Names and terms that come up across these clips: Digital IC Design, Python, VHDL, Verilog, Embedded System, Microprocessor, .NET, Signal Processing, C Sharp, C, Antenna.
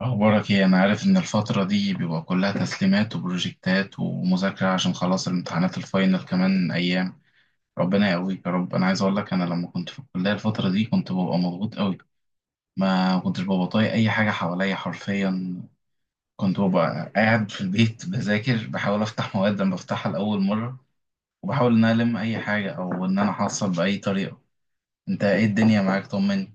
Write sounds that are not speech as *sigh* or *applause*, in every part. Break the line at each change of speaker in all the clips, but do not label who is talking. أخبارك إيه؟ أنا عارف إن الفترة دي بيبقى كلها تسليمات وبروجكتات ومذاكرة عشان خلاص الامتحانات الفاينل كمان أيام، ربنا يقويك يا رب، أنا عايز أقول لك أنا لما كنت في الكلية الفترة دي كنت ببقى مضغوط أوي، ما كنتش ببقى طايق أي حاجة حواليا حرفيًا، كنت ببقى قاعد في البيت *laughs* بذاكر بحاول أفتح مواد لما بفتحها لأول مرة وبحاول إن أنا ألم أي حاجة أو إن أنا أحصل بأي طريقة، أنت إيه الدنيا معاك طمني؟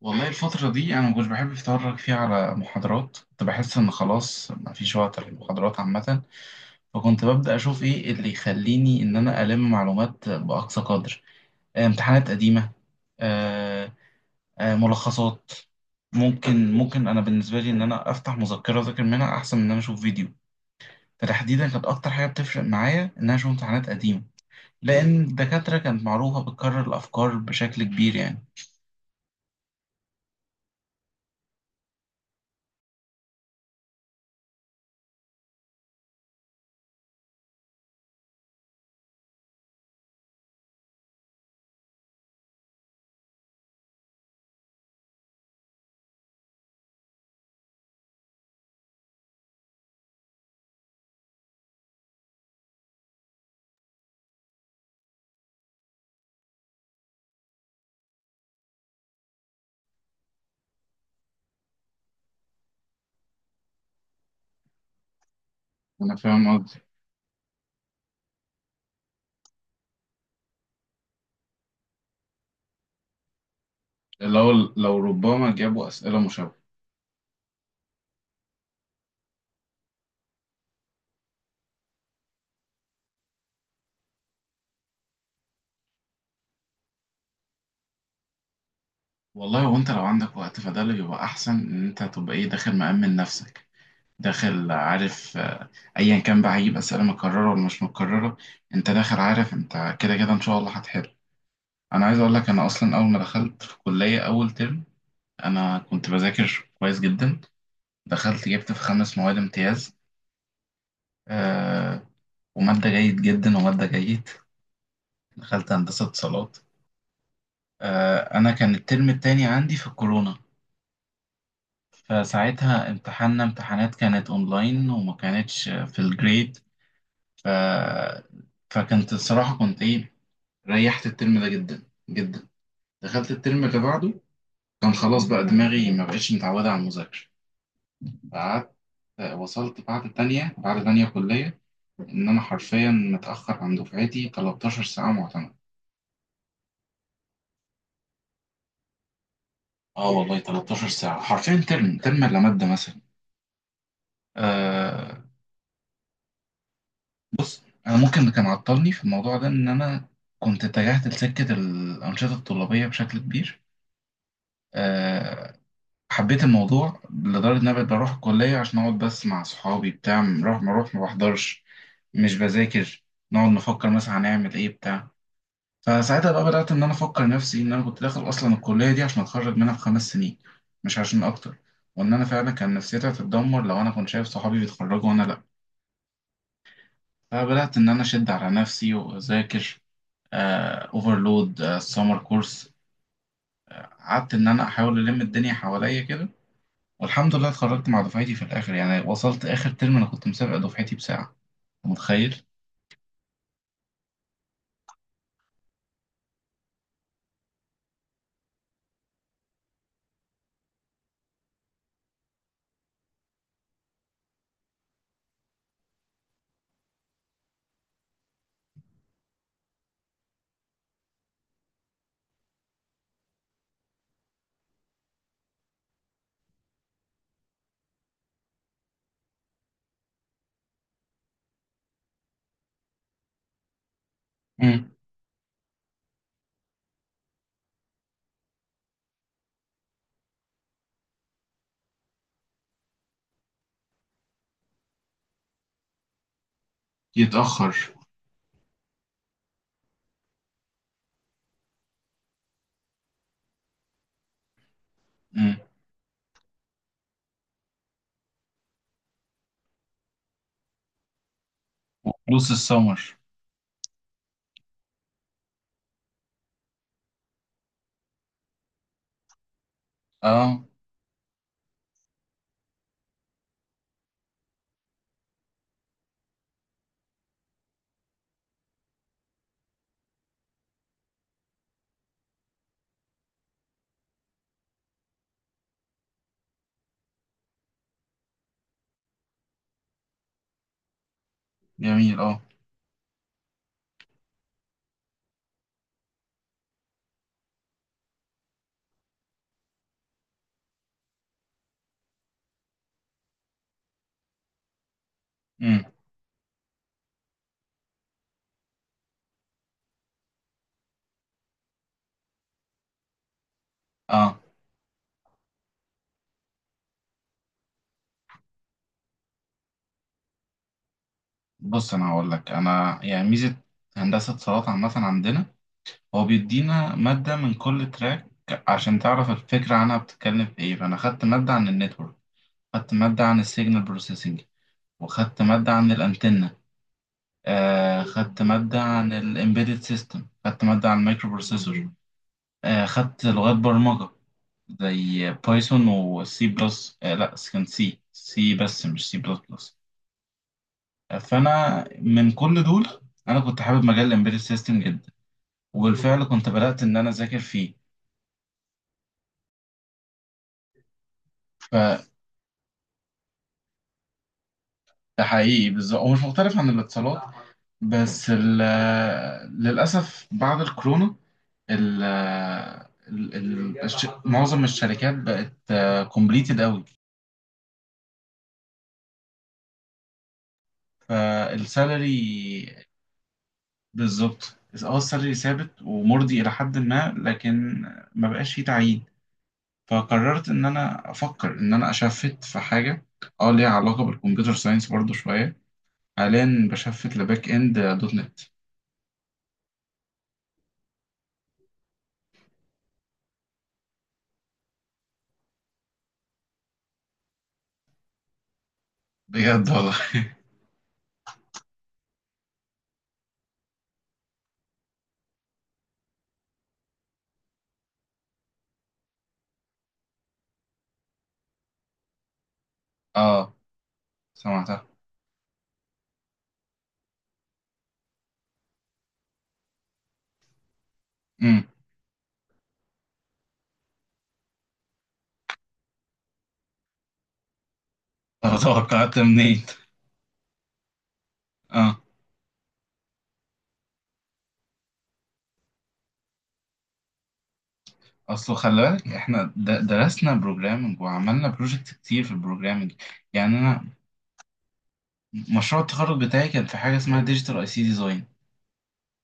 والله الفترة دي أنا مكنتش بحب أتفرج فيها على محاضرات، كنت بحس إن خلاص مفيش وقت للمحاضرات عامة. فكنت ببدأ أشوف إيه اللي يخليني إن أنا ألم معلومات بأقصى قدر. آه، امتحانات قديمة. آه، آه، ملخصات. ممكن أنا بالنسبة لي إن أنا أفتح مذكرة أذاكر منها أحسن من إن أنا أشوف فيديو. فتحديدا كانت أكتر حاجة بتفرق معايا إن أنا أشوف امتحانات قديمة لأن الدكاترة كانت معروفة بتكرر الأفكار بشكل كبير يعني. أنا فاهم قصدي. لو لو ربما جابوا أسئلة مشابهة. والله وانت لو عندك وقت فده اللي بيبقى احسن ان انت تبقى ايه داخل مأمن نفسك، داخل عارف، آه، ايا كان بقى هيجيب اسئله مكرره ولا مش مكرره، انت داخل عارف انت، كده كده ان شاء الله هتحل. انا عايز اقول لك انا اصلا اول ما دخلت في كليه اول ترم انا كنت بذاكر كويس جدا. دخلت جبت في 5 مواد امتياز، آه، وماده جيد جدا وماده جيد. دخلت هندسه اتصالات. آه انا كان الترم التاني عندي في الكورونا، فساعتها امتحاننا امتحانات كانت اونلاين وما كانتش في الجريد. ف... فكنت الصراحة كنت ايه، ريحت الترم ده جدا جدا. دخلت الترم اللي بعده كان خلاص بقى دماغي ما بقتش متعودة على المذاكرة. قعدت وصلت بعد تانية بعد تانية كلية، إن أنا حرفيا متأخر عن دفعتي 13 ساعة معتمد. اه والله 13 ساعة حرفيا ترم ترم إلا مادة مثلا. بص انا ممكن اللي كان عطلني في الموضوع ده ان انا كنت اتجهت لسكه الانشطه الطلابيه بشكل كبير. أه، حبيت الموضوع لدرجه ان انا بقيت بروح الكليه عشان اقعد بس مع صحابي، بتاع نروح ما اروح ما بحضرش، مش بذاكر، نقعد نفكر مثلا هنعمل ايه بتاع. فساعتها بقى بدات ان انا افكر نفسي ان انا كنت داخل اصلا الكليه دي عشان اتخرج منها في 5 سنين، مش عشان اكتر. وان انا فعلا كان نفسيتي هتتدمر لو انا كنت شايف صحابي بيتخرجوا وانا لا. فبدات ان انا اشد على نفسي واذاكر، اوفرلود سمر كورس. قعدت ان انا احاول الم الدنيا حواليا كده. والحمد لله اتخرجت مع دفعتي في الاخر، يعني وصلت اخر ترم انا كنت مسابق دفعتي بساعه. أنت متخيل؟ امم، يتاخر، امم، وفلوس السمر، اه، جميل اه، امم، اه. بص انا هقول لك انا يعني ميزه هندسه اتصالات عامه عندنا هو بيدينا ماده من كل تراك عشان تعرف الفكره عنها بتتكلم في ايه. فانا خدت ماده عن النتورك، خدت ماده عن السيجنال بروسيسنج، وخدت مادة عن الأنتنة. آه خدت مادة عن الإمبيدد سيستم، خدت مادة عن المايكرو بروسيسور. آه خدت لغات برمجة زي بايثون وسي بلس، آه لا كان سي بس مش سي بلس بلس. آه فأنا من كل دول أنا كنت حابب مجال الإمبيدد سيستم جدا، وبالفعل كنت بدأت إن أنا أذاكر فيه. فده حقيقي بالظبط هو مش مختلف عن الاتصالات، بس ال- للأسف بعد الكورونا ال معظم الشركات بقت كومبليتد قوي. فالسالري، بالظبط، اه السالري ثابت ومرضي الى حد ما، لكن ما بقاش فيه تعيين. فقررت ان انا افكر ان انا اشفت في حاجه اه ليها علاقه بالكمبيوتر ساينس برضو شويه. حاليا بشفت لباك اند دوت نت. بجد والله، اه، سمعتها، امم، طب توقعت منين؟ اه اصل خلي بالك احنا درسنا بروجرامنج وعملنا بروجكت كتير في البروجرامنج يعني. انا مشروع التخرج بتاعي كان في حاجه اسمها ديجيتال اي سي ديزاين.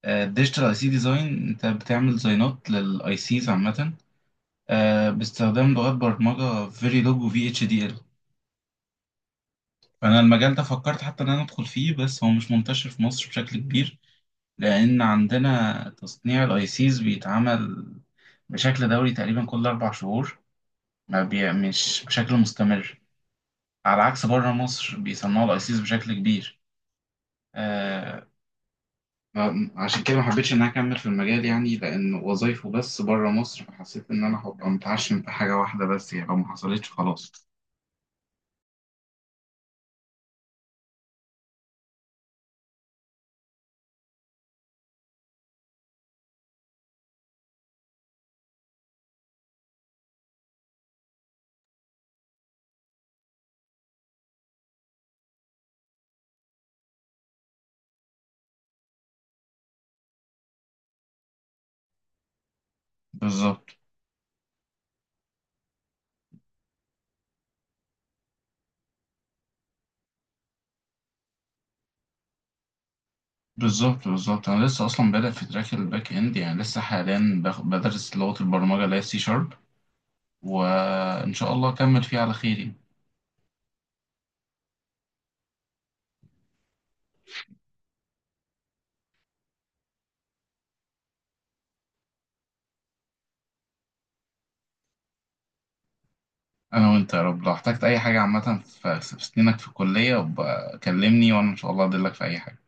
الديجيتال اي سي ديزاين انت بتعمل ديزاينات للاي سيز عامه، آه، باستخدام لغات برمجه فيريلوج وفي اتش دي ال. فانا المجال ده فكرت حتى ان انا ادخل فيه بس هو مش منتشر في مصر بشكل كبير، لان عندنا تصنيع الاي سيز بيتعمل بشكل دوري تقريبا كل 4 شهور، ما بي... مش بشكل مستمر. على عكس بره مصر بيصنعوا الأيسيس بشكل كبير. آه، ما- عشان كده ما حبيتش إن أنا أكمل في المجال يعني، لأن وظايفه بس بره مصر، فحسيت إن أنا هبقى متعشم في حاجة واحدة بس يعني لو ما حصلتش خلاص. بالظبط بالظبط بالظبط انا لسه اصلا بادئ في تراك الباك اند، يعني لسه حاليا بدرس لغة البرمجة اللي هي سي شارب، وان شاء الله اكمل فيه على خير يعني. انا وانت يا رب، لو احتجت اي حاجة عامة في سنينك في الكلية بقى كلمني وانا ان شاء الله ادلك في اي حاجة.